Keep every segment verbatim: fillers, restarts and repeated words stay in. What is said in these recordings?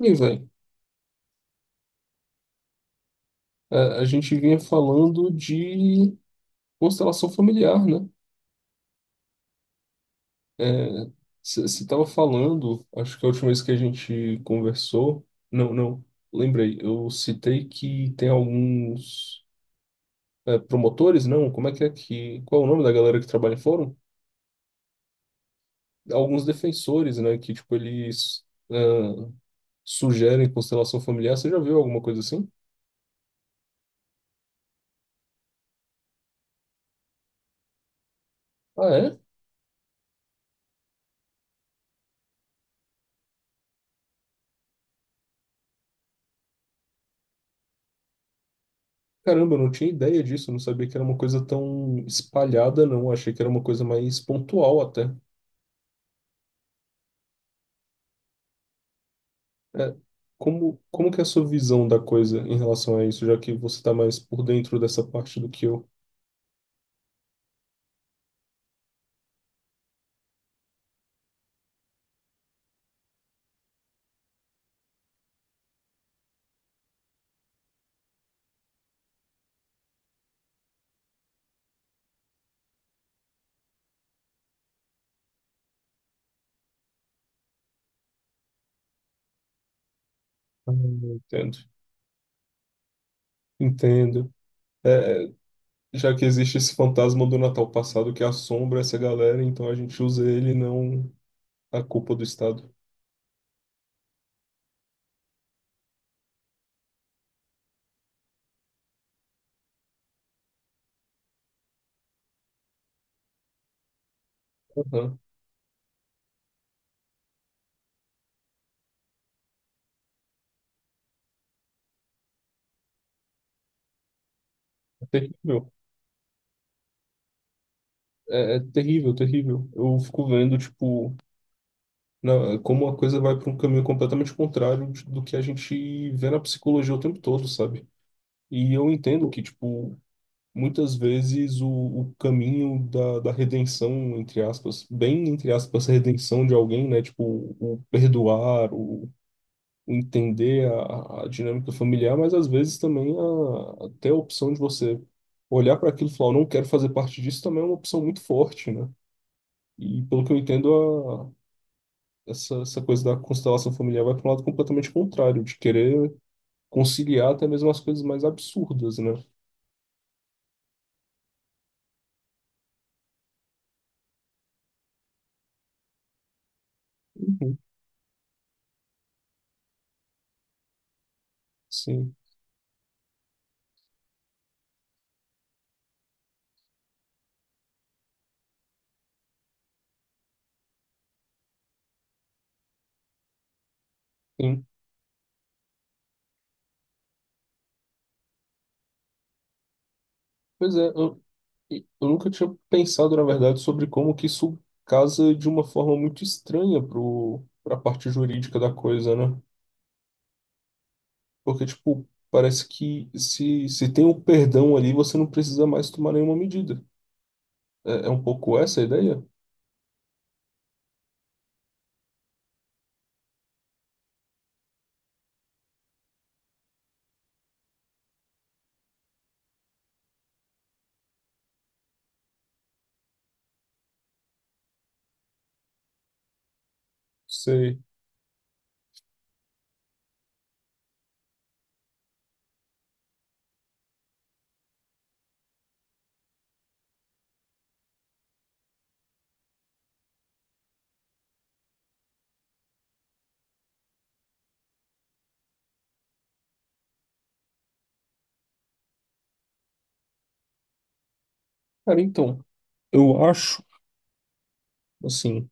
E, velho, a, a gente vinha falando de constelação familiar, né? É, você estava falando, acho que a última vez que a gente conversou, não, não, lembrei, eu citei que tem alguns é, promotores, não, como é que é que, qual é o nome da galera que trabalha em fórum? Alguns defensores, né, que, tipo, eles ah, sugerem constelação familiar, você já viu alguma coisa assim? Ah, é? Caramba, eu não tinha ideia disso, eu não sabia que era uma coisa tão espalhada, não. Achei que era uma coisa mais pontual até. É, como, como que é a sua visão da coisa em relação a isso, já que você está mais por dentro dessa parte do que eu? Ah, entendo. Entendo. É, já que existe esse fantasma do Natal passado que assombra essa galera, então a gente usa ele, não a culpa do Estado. Aham. É terrível. É, é terrível, terrível. Eu fico vendo, tipo. Na- como a coisa vai para um caminho completamente contrário de- do que a gente vê na psicologia o tempo todo, sabe? E eu entendo que, tipo, muitas vezes o, o caminho da, da redenção, entre aspas, bem entre aspas, redenção de alguém, né? Tipo, o perdoar, o, o entender a, a dinâmica familiar, mas às vezes também a, até a opção de você olhar para aquilo e falar, eu não quero fazer parte disso, também é uma opção muito forte, né? E pelo que eu entendo, essa, essa coisa da constelação familiar vai para um lado completamente contrário, de querer conciliar até mesmo as coisas mais absurdas, né? Uhum. Sim, sim. Pois é, eu, eu nunca tinha pensado, na verdade, sobre como que isso casa de uma forma muito estranha pro, pra parte jurídica da coisa, né? Porque, tipo, parece que se, se tem o perdão ali, você não precisa mais tomar nenhuma medida. É, é um pouco essa a ideia? Sei. Cara, então, eu acho, assim.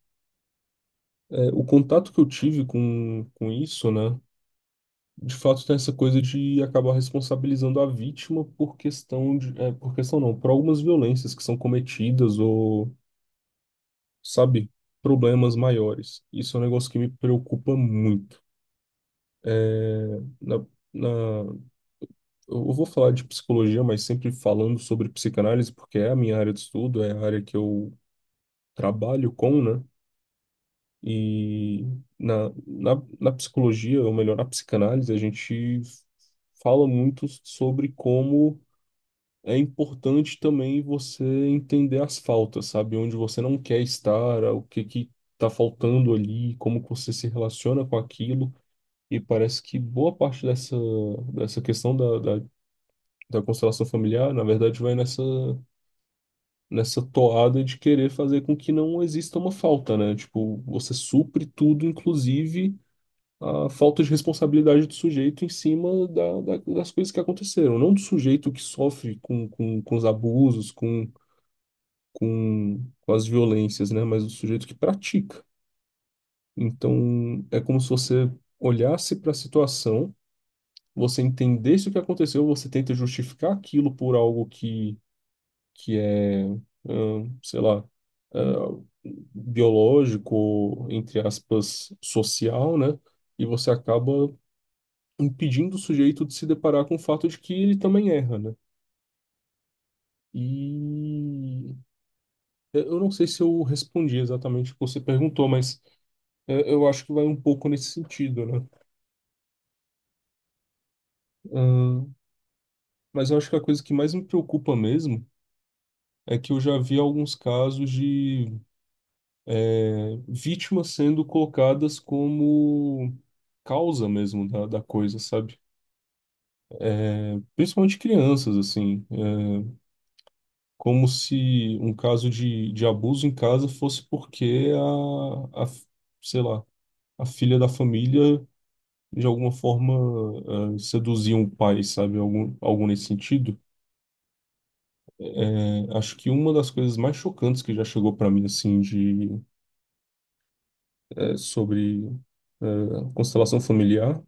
É, o contato que eu tive com, com isso, né? De fato, tem essa coisa de acabar responsabilizando a vítima por questão de, é, por questão não, por algumas violências que são cometidas ou, sabe, problemas maiores. Isso é um negócio que me preocupa muito. É, na, na, eu vou falar de psicologia, mas sempre falando sobre psicanálise, porque é a minha área de estudo, é a área que eu trabalho com, né? E na, na, na psicologia, ou melhor, na psicanálise, a gente fala muito sobre como é importante também você entender as faltas, sabe? Onde você não quer estar, o que que tá faltando ali, como que você se relaciona com aquilo. E parece que boa parte dessa, dessa questão da, da, da constelação familiar, na verdade, vai nessa, nessa toada de querer fazer com que não exista uma falta, né? Tipo, você supre tudo, inclusive a falta de responsabilidade do sujeito em cima da, da- das coisas que aconteceram, não do sujeito que sofre com, com, com os abusos, com, com, com as violências, né? Mas do sujeito que pratica. Então, é como se você olhasse para a situação, você entendesse o que aconteceu, você tenta justificar aquilo por algo que, que é, ahn, sei lá, ah, biológico, entre aspas, social, né? E você acaba impedindo o sujeito de se deparar com o fato de que ele também erra, né? E eu não sei se eu respondi exatamente o que você perguntou, mas é, eu acho que vai um pouco nesse sentido, né? Ahn, mas eu acho que a coisa que mais me preocupa mesmo é que eu já vi alguns casos de é, vítimas sendo colocadas como causa mesmo da, da coisa, sabe? Principalmente crianças, assim. Como se um caso de, de abuso em casa fosse porque a, a, sei lá, a filha da família de alguma forma eh, seduzia um pai, sabe? Algum, algum nesse sentido. Eh, acho que uma das coisas mais chocantes que já chegou para mim, assim, de, eh, sobre eh, constelação familiar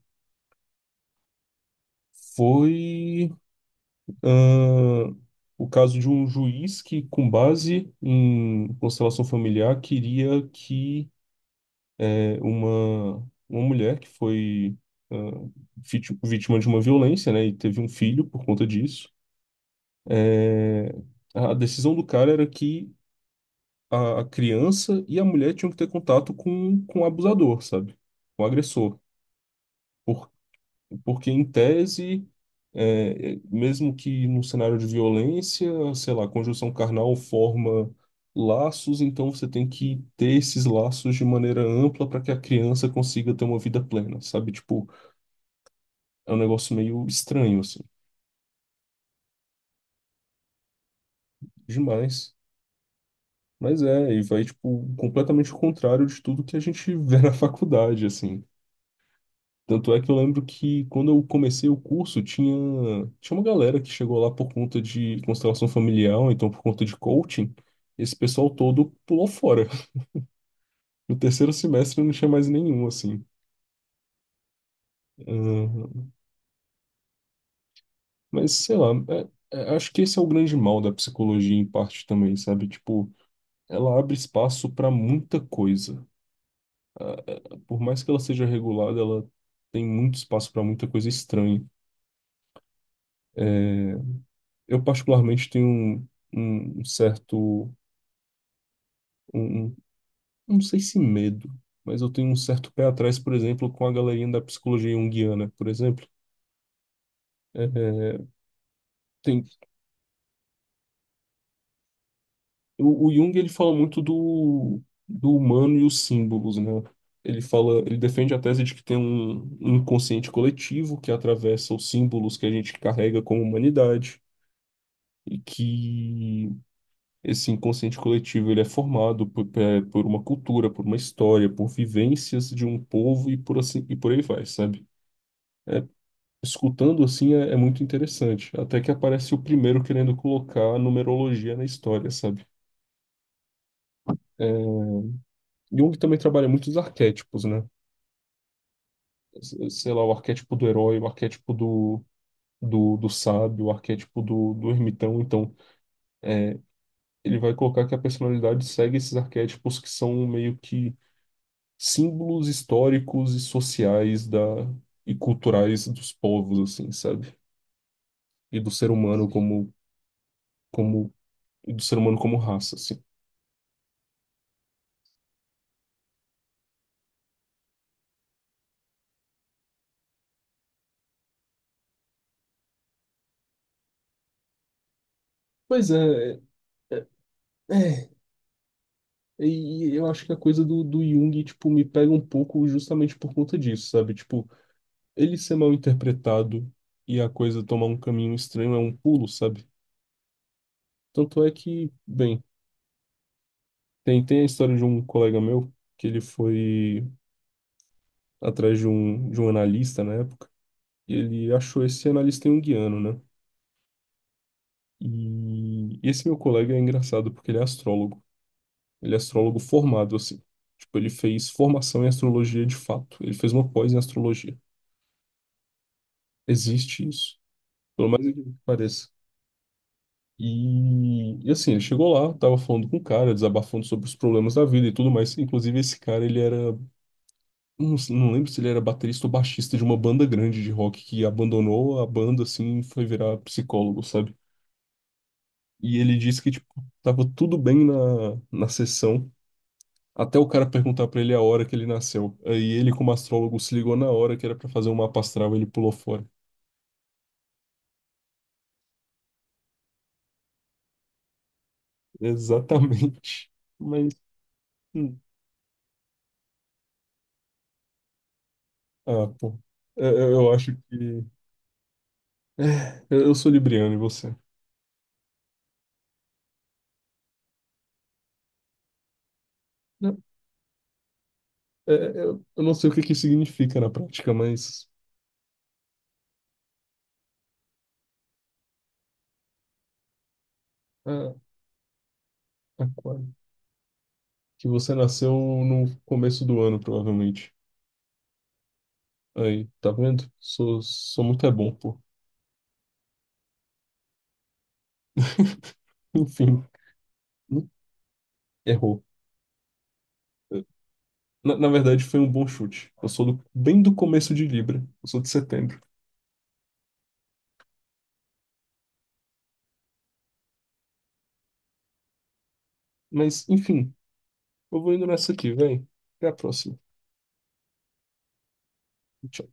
foi ah, o caso de um juiz que, com base em constelação familiar, queria que é, uma, uma mulher que foi ah, vit- vítima de uma violência, né, e teve um filho por conta disso. É, a decisão do cara era que a, a criança e a mulher tinham que ter contato com, com o abusador, sabe? Com o agressor. Porque, em tese, é, é, mesmo que num cenário de violência, sei lá, conjunção carnal forma laços, então você tem que ter esses laços de maneira ampla para que a criança consiga ter uma vida plena, sabe? Tipo, é um negócio meio estranho, assim, demais. Mas é, e vai, tipo, completamente o contrário de tudo que a gente vê na faculdade, assim. Tanto é que eu lembro que quando eu comecei o curso, tinha, tinha uma galera que chegou lá por conta de constelação familiar, ou então por conta de coaching. Esse pessoal todo pulou fora. No terceiro semestre não tinha mais nenhum, assim. Ah, mas sei lá, é- é- acho que esse é o grande mal da psicologia, em parte também, sabe? Tipo, ela abre espaço para muita coisa. Por mais que ela seja regulada, ela tem muito espaço para muita coisa estranha. É, eu, particularmente, tenho um um um certo, um, um não sei se medo, mas eu tenho um certo pé atrás, por exemplo, com a galerinha da psicologia junguiana, por exemplo. É, é, tem, o, o Jung ele fala muito do, do humano e os símbolos, né? Ele fala, ele defende a tese de que tem um, um inconsciente coletivo que atravessa os símbolos que a gente carrega como humanidade e que esse inconsciente coletivo ele é formado por, pe- por uma cultura, por uma história, por vivências de um povo e por assim e por aí vai, sabe? Escutando assim é, é muito interessante. Até que aparece o primeiro querendo colocar a numerologia na história, sabe? É, Jung também trabalha muitos arquétipos, né? S- Sei lá, o arquétipo do herói, o arquétipo do, do, do sábio, o arquétipo do, do ermitão. Então, ele vai colocar que a personalidade segue esses arquétipos que são meio que símbolos históricos e sociais da, e culturais dos povos, assim, sabe? E do ser humano como, como, e do ser humano como raça, assim. Pois é. é, É, e eu acho que a coisa do, do Jung, tipo, me pega um pouco justamente por conta disso, sabe? Tipo, ele ser mal interpretado e a coisa tomar um caminho estranho é um pulo, sabe? Tanto é que, bem, tem, tem a história de um colega meu que ele foi atrás de um, de um analista na época, e ele achou esse analista junguiano, né? E esse meu colega é engraçado porque ele é astrólogo. Ele é astrólogo formado, assim. Tipo, ele fez formação em astrologia de fato. Ele fez uma pós em astrologia. Existe isso, pelo mais incrível que pareça. E, e assim, ele chegou lá, tava falando com o cara, desabafando sobre os problemas da vida e tudo mais. Inclusive, esse cara, ele era, não, não lembro se ele era baterista ou baixista de uma banda grande de rock que abandonou a banda, assim, e foi virar psicólogo, sabe? E ele disse que, tipo, tava tudo bem na, na sessão, até o cara perguntar pra ele a hora que ele nasceu. Aí ele, como astrólogo, se ligou na hora que era pra fazer um mapa astral, ele pulou fora. Exatamente. Mas. hum, Ah, pô. É, Eu, eu acho que. É, eu eu sou libriano e você? Não, é, é, eu, eu não sei o que que significa na prática, mas. Ah, aquário. Que você nasceu no começo do ano, provavelmente. Aí, tá vendo? Sou, sou muito é bom, pô. Enfim, hum, errou. Na, na verdade, foi um bom chute. Eu sou do- bem do começo de Libra. Eu sou de setembro. Mas, enfim, eu vou indo nessa aqui, véi. Até a próxima. Tchau.